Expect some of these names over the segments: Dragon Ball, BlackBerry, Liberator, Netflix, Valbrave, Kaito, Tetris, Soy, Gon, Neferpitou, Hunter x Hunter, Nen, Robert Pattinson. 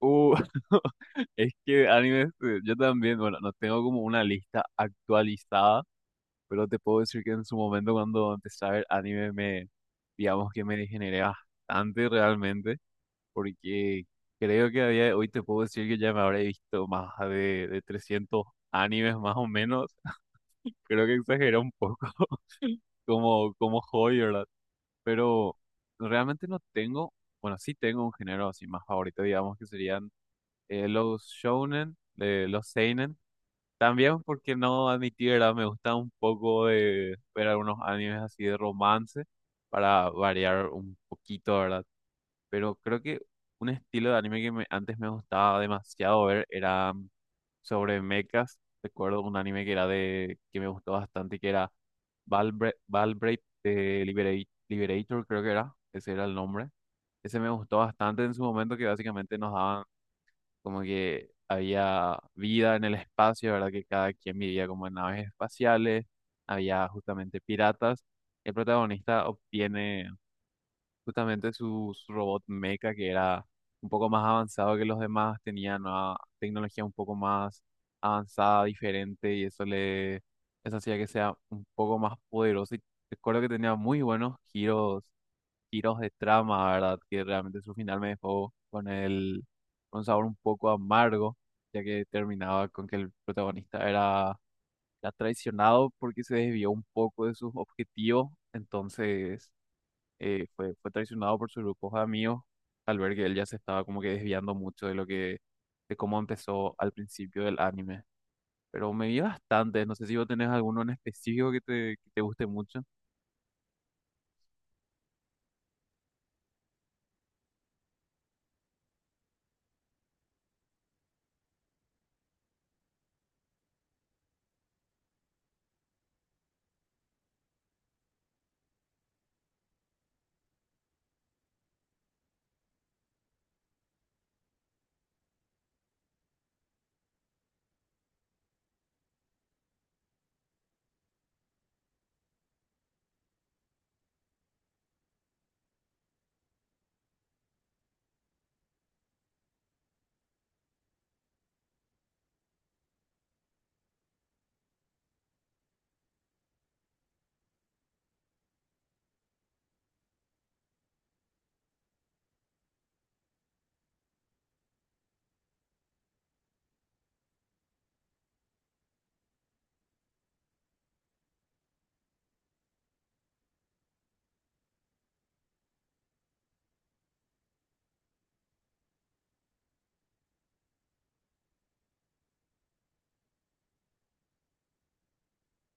Uh, es que animes, yo también, bueno, no tengo como una lista actualizada, pero te puedo decir que en su momento cuando empecé a ver anime digamos que me degeneré bastante realmente, porque creo que a día de hoy te puedo decir que ya me habré visto más de 300 animes más o menos. Creo que exageré un poco como hobby, ¿verdad? Pero realmente no tengo, bueno, sí tengo un género así más favorito, digamos que serían los shounen, los seinen. También porque no admití, ¿verdad? Me gusta un poco de ver algunos animes así de romance para variar un poquito, ¿verdad? Pero creo que un estilo de anime antes me gustaba demasiado ver era sobre mechas. Recuerdo un anime que era de que me gustó bastante, que era Valbrave de Liberator, creo que era. Ese era el nombre. Ese me gustó bastante en su momento, que básicamente nos daban como que había vida en el espacio, ¿verdad? Que cada quien vivía como en naves espaciales, había justamente piratas. El protagonista obtiene justamente su robot mecha, que era un poco más avanzado que los demás, tenía nueva tecnología un poco más avanzada, diferente, y eso hacía que sea un poco más poderoso. Y recuerdo que tenía muy buenos giros de trama, ¿verdad? Que realmente su final me dejó con un sabor un poco amargo, ya que terminaba con que el protagonista era traicionado porque se desvió un poco de sus objetivos, entonces fue traicionado por sus grupos de amigos al ver que él ya se estaba como que desviando mucho de de cómo empezó al principio del anime. Pero me vi bastante, no sé si vos tenés alguno en específico que te guste mucho.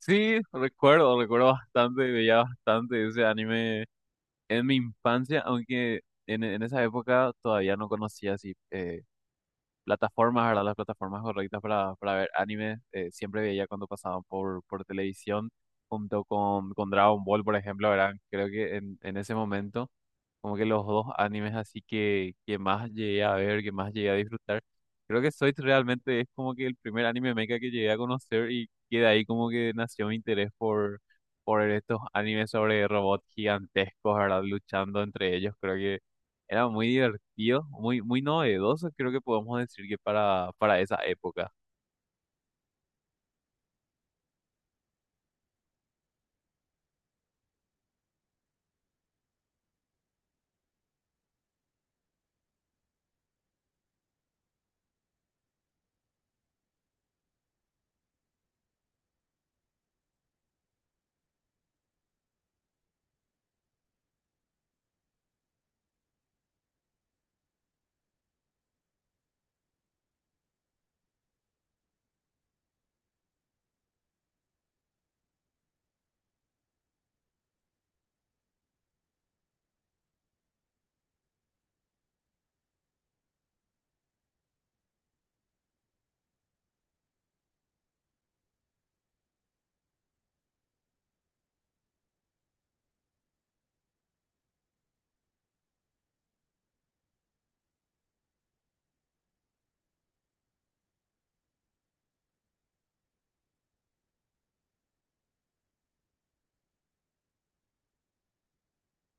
Sí, recuerdo bastante, veía bastante ese anime en mi infancia, aunque en esa época todavía no conocía así plataformas, ¿verdad? Las plataformas correctas para ver anime. Siempre veía cuando pasaban por televisión junto con Dragon Ball, por ejemplo, ¿verdad? Creo que en ese momento como que los dos animes así que más llegué a ver, que más llegué a disfrutar. Creo que Soy realmente es como que el primer anime mecha que llegué a conocer y que de ahí como que nació mi interés por estos animes sobre robots gigantescos, ¿verdad? Luchando entre ellos. Creo que era muy divertido, muy novedoso, creo que podemos decir que para esa época.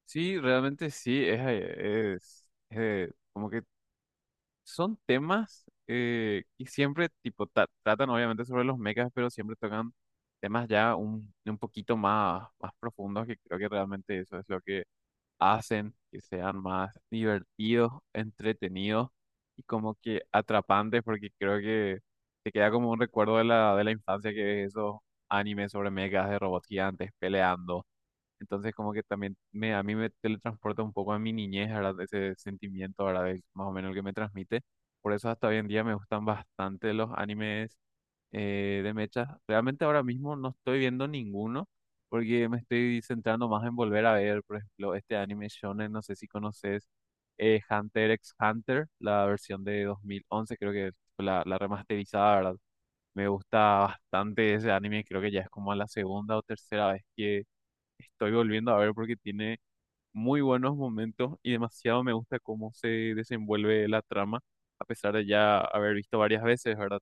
Sí, realmente sí, es, como que son temas que siempre tipo tratan obviamente sobre los mechas, pero siempre tocan temas ya un poquito más profundos que creo que realmente eso es lo que hacen que sean más divertidos, entretenidos y como que atrapantes porque creo que te queda como un recuerdo de de la infancia que ves esos animes sobre mechas de robots gigantes peleando. Entonces como que también a mí me teletransporta un poco a mi niñez, ¿verdad? Ese sentimiento, ¿verdad? De más o menos el que me transmite. Por eso hasta hoy en día me gustan bastante los animes de mechas. Realmente ahora mismo no estoy viendo ninguno porque me estoy centrando más en volver a ver, por ejemplo, este anime shonen, no sé si conoces, Hunter x Hunter, la versión de 2011, creo que fue la remasterizada, ¿verdad? Me gusta bastante ese anime, creo que ya es como la segunda o tercera vez que estoy volviendo a ver porque tiene muy buenos momentos y demasiado me gusta cómo se desenvuelve la trama, a pesar de ya haber visto varias veces, ¿verdad?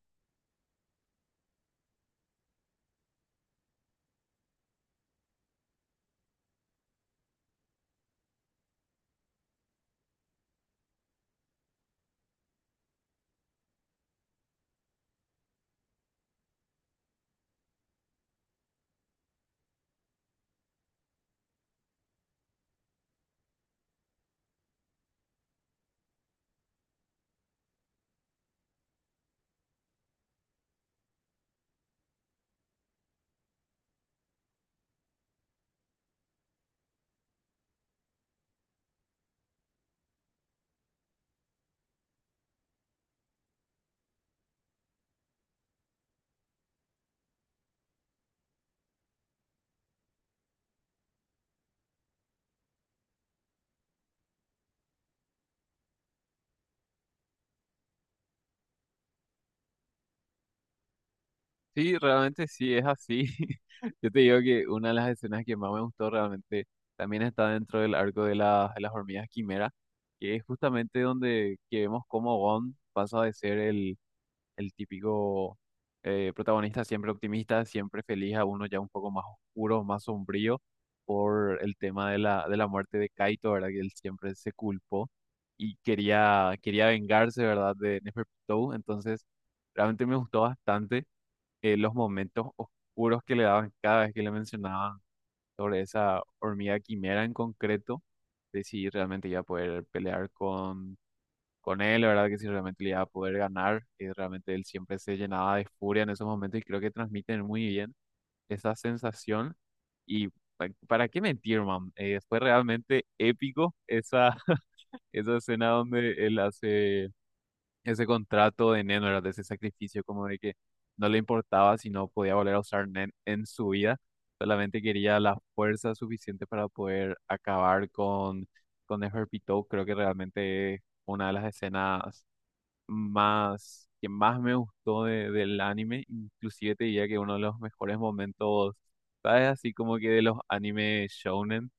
Sí, realmente sí es así. Yo te digo que una de las escenas que más me gustó realmente también está dentro del arco de las hormigas quimera, que es justamente donde que vemos cómo Gon pasa de ser el típico protagonista siempre optimista, siempre feliz, a uno ya un poco más oscuro, más sombrío, por el tema de de la muerte de Kaito, ¿verdad? Que él siempre se culpó y quería vengarse, ¿verdad? De Neferpitou. Entonces, realmente me gustó bastante los momentos oscuros que le daban cada vez que le mencionaban sobre esa hormiga quimera en concreto, de si realmente iba a poder pelear con él, la verdad que sí, realmente le iba a poder ganar. Y realmente él siempre se llenaba de furia en esos momentos y creo que transmiten muy bien esa sensación. Y para qué mentir, man, fue realmente épico esa, esa escena donde él hace ese contrato de Nen, ¿verdad? De ese sacrificio como de que no le importaba si no podía volver a usar Nen en su vida. Solamente quería la fuerza suficiente para poder acabar con Neferpitou. Creo que realmente es una de las escenas que más me gustó del anime, inclusive te diría que uno de los mejores momentos, ¿sabes? Así como que de los anime shounen.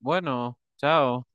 Bueno, chao.